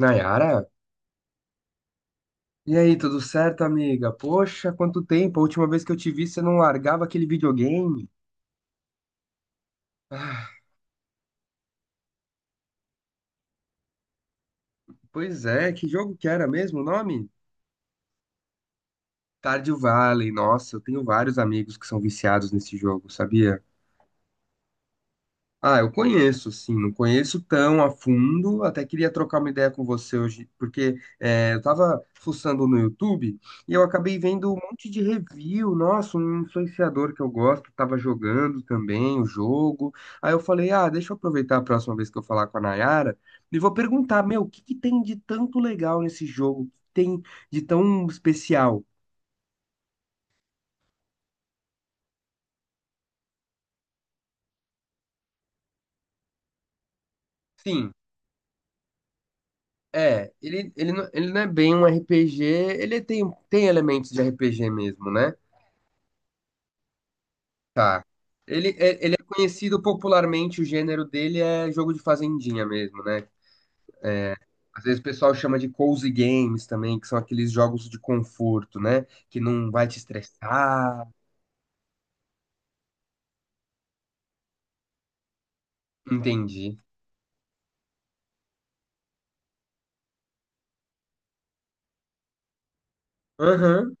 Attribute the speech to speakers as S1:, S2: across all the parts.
S1: Nayara? E aí, tudo certo, amiga? Poxa, quanto tempo! A última vez que eu te vi, você não largava aquele videogame. Ah, pois é, que jogo que era mesmo o nome? Stardew Valley. Nossa, eu tenho vários amigos que são viciados nesse jogo, sabia? Ah, eu conheço, sim, não conheço tão a fundo, até queria trocar uma ideia com você hoje, porque é, eu tava fuçando no YouTube e eu acabei vendo um monte de review. Nossa, um influenciador que eu gosto tava jogando também o jogo, aí eu falei, ah, deixa eu aproveitar a próxima vez que eu falar com a Nayara e vou perguntar, meu, o que que tem de tanto legal nesse jogo, o que tem de tão especial? Sim, é, ele não é bem um RPG, tem elementos de RPG mesmo, né? Tá. Ele é conhecido popularmente, o gênero dele é jogo de fazendinha mesmo, né? Às vezes o pessoal chama de cozy games também, que são aqueles jogos de conforto, né? Que não vai te estressar. Entendi. Aham.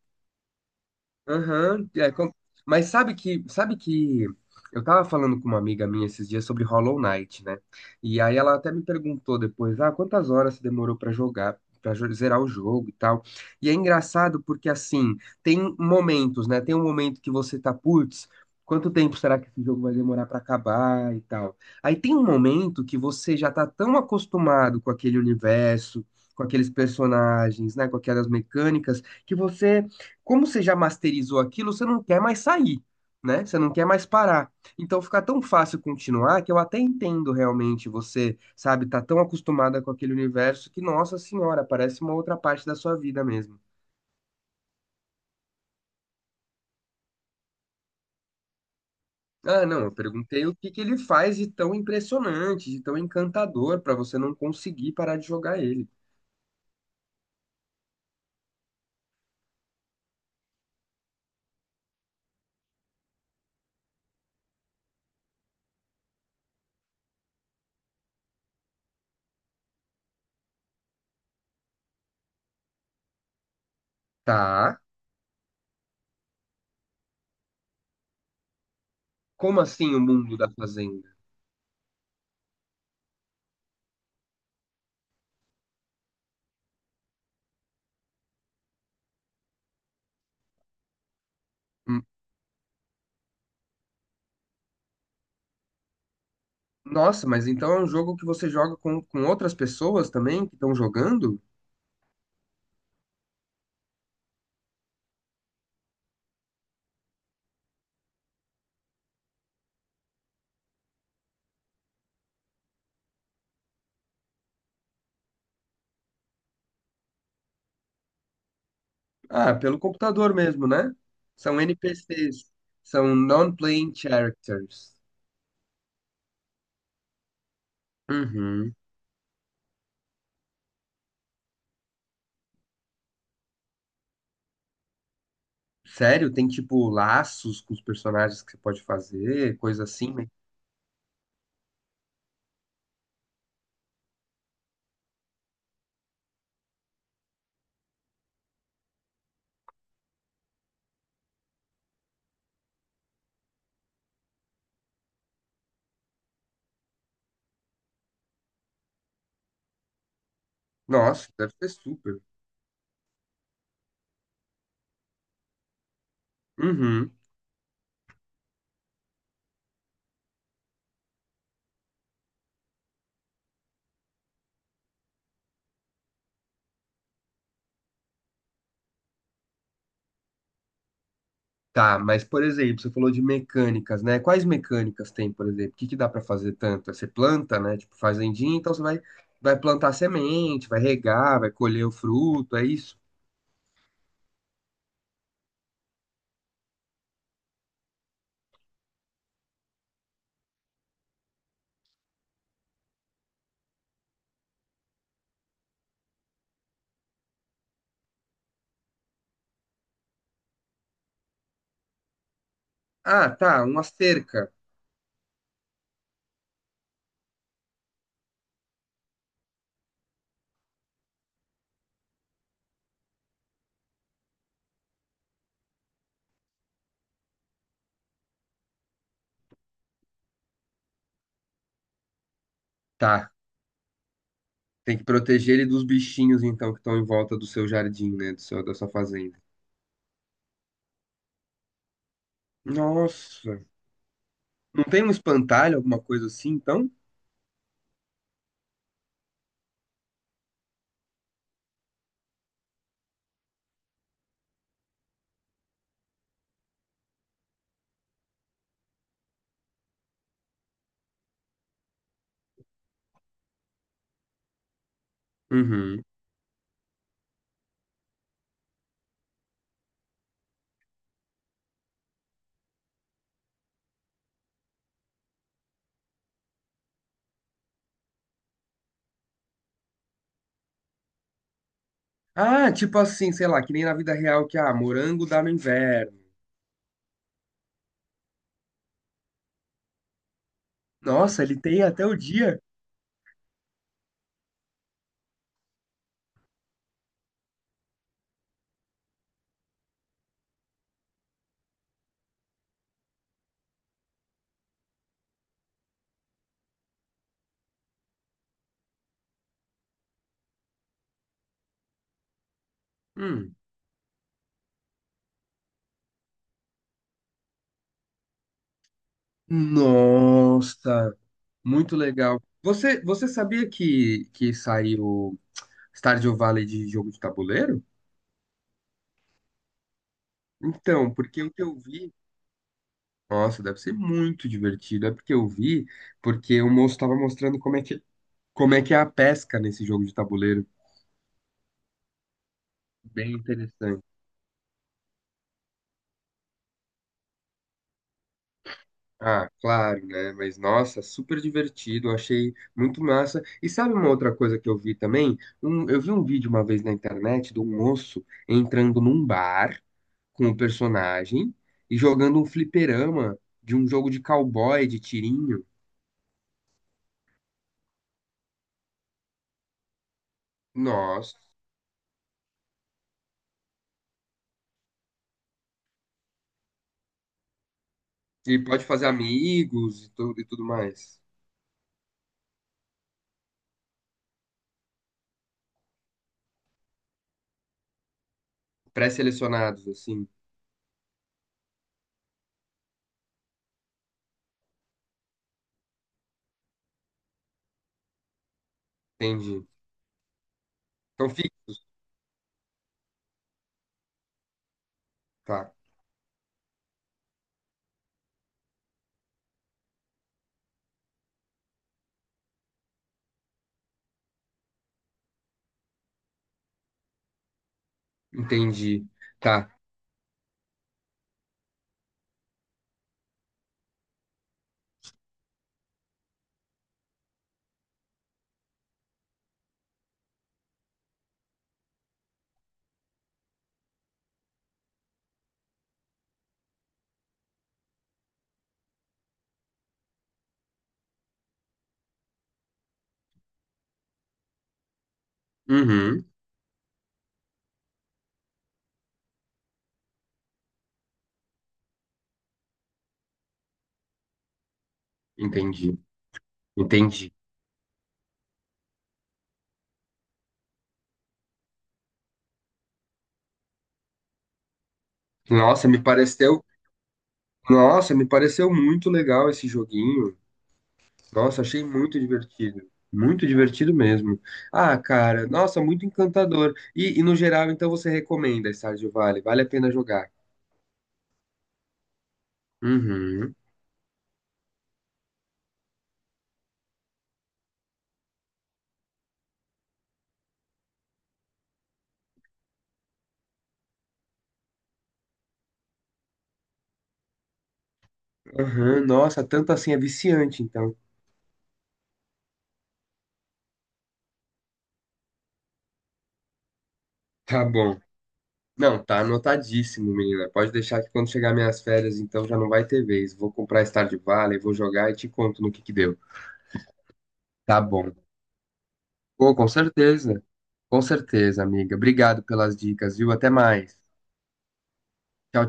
S1: Aham, é, mas sabe que eu tava falando com uma amiga minha esses dias sobre Hollow Knight, né? E aí ela até me perguntou depois, ah, quantas horas você demorou pra jogar, para zerar o jogo e tal. E é engraçado porque assim, tem momentos, né? Tem um momento que você tá, putz, quanto tempo será que esse jogo vai demorar pra acabar e tal. Aí tem um momento que você já tá tão acostumado com aquele universo, com aqueles personagens, né, com aquelas mecânicas que você como você já masterizou aquilo, você não quer mais sair, né? Você não quer mais parar. Então fica tão fácil continuar que eu até entendo realmente você, sabe, tá tão acostumada com aquele universo que, nossa senhora, parece uma outra parte da sua vida mesmo. Ah, não, eu perguntei o que que ele faz de tão impressionante, de tão encantador pra você não conseguir parar de jogar ele. Tá? Como assim o mundo da fazenda? Hum. Nossa, mas então é um jogo que você joga com outras pessoas também que estão jogando? Ah, pelo computador mesmo, né? São NPCs, são non-playing characters. Uhum. Sério? Tem tipo laços com os personagens que você pode fazer, coisa assim, né? Nossa, deve ser super. Uhum. Tá, mas por exemplo, você falou de mecânicas, né? Quais mecânicas tem, por exemplo? O que que dá pra fazer tanto? Você planta, né? Tipo fazendinha, então você vai, vai plantar semente, vai regar, vai colher o fruto, é isso? Ah, tá, uma cerca. Tá, tem que proteger ele dos bichinhos, então, que estão em volta do seu jardim, né? Do seu, da sua fazenda. Nossa. Não tem um espantalho, alguma coisa assim, então? Uhum. Ah, tipo assim, sei lá, que nem na vida real que, ah, morango dá no inverno. Nossa, ele tem até o dia. Hum. Nossa, muito legal. Você sabia que saiu Stardew Valley de jogo de tabuleiro? Então, porque o que eu vi. Nossa, deve ser muito divertido. É porque eu vi, porque o moço estava mostrando como é que como é que é a pesca nesse jogo de tabuleiro? Bem interessante. Ah, claro, né? Mas nossa, super divertido, eu achei muito massa. E sabe uma outra coisa que eu vi também? Eu vi um vídeo uma vez na internet de um moço entrando num bar com o personagem e jogando um fliperama de um jogo de cowboy, de tirinho. Nossa, e pode fazer amigos e tudo mais. Pré-selecionados, assim, entendi. Estão fixos, tá? Entendi. Tá. Uhum, entendi, entendi. Nossa, me pareceu, nossa, me pareceu muito legal esse joguinho. Nossa, achei muito divertido mesmo. Ah, cara, nossa, muito encantador. E no geral, então você recomenda Stardew Valley? Vale a pena jogar? Uhum, uhum, nossa, tanto assim é viciante, então. Tá bom. Não, tá anotadíssimo, menina. Pode deixar que quando chegar minhas férias, então já não vai ter vez. Vou comprar Stardew Valley, vou jogar e te conto no que deu. Tá bom. Pô, com certeza. Com certeza, amiga. Obrigado pelas dicas, viu? Até mais. Tchau, tchau.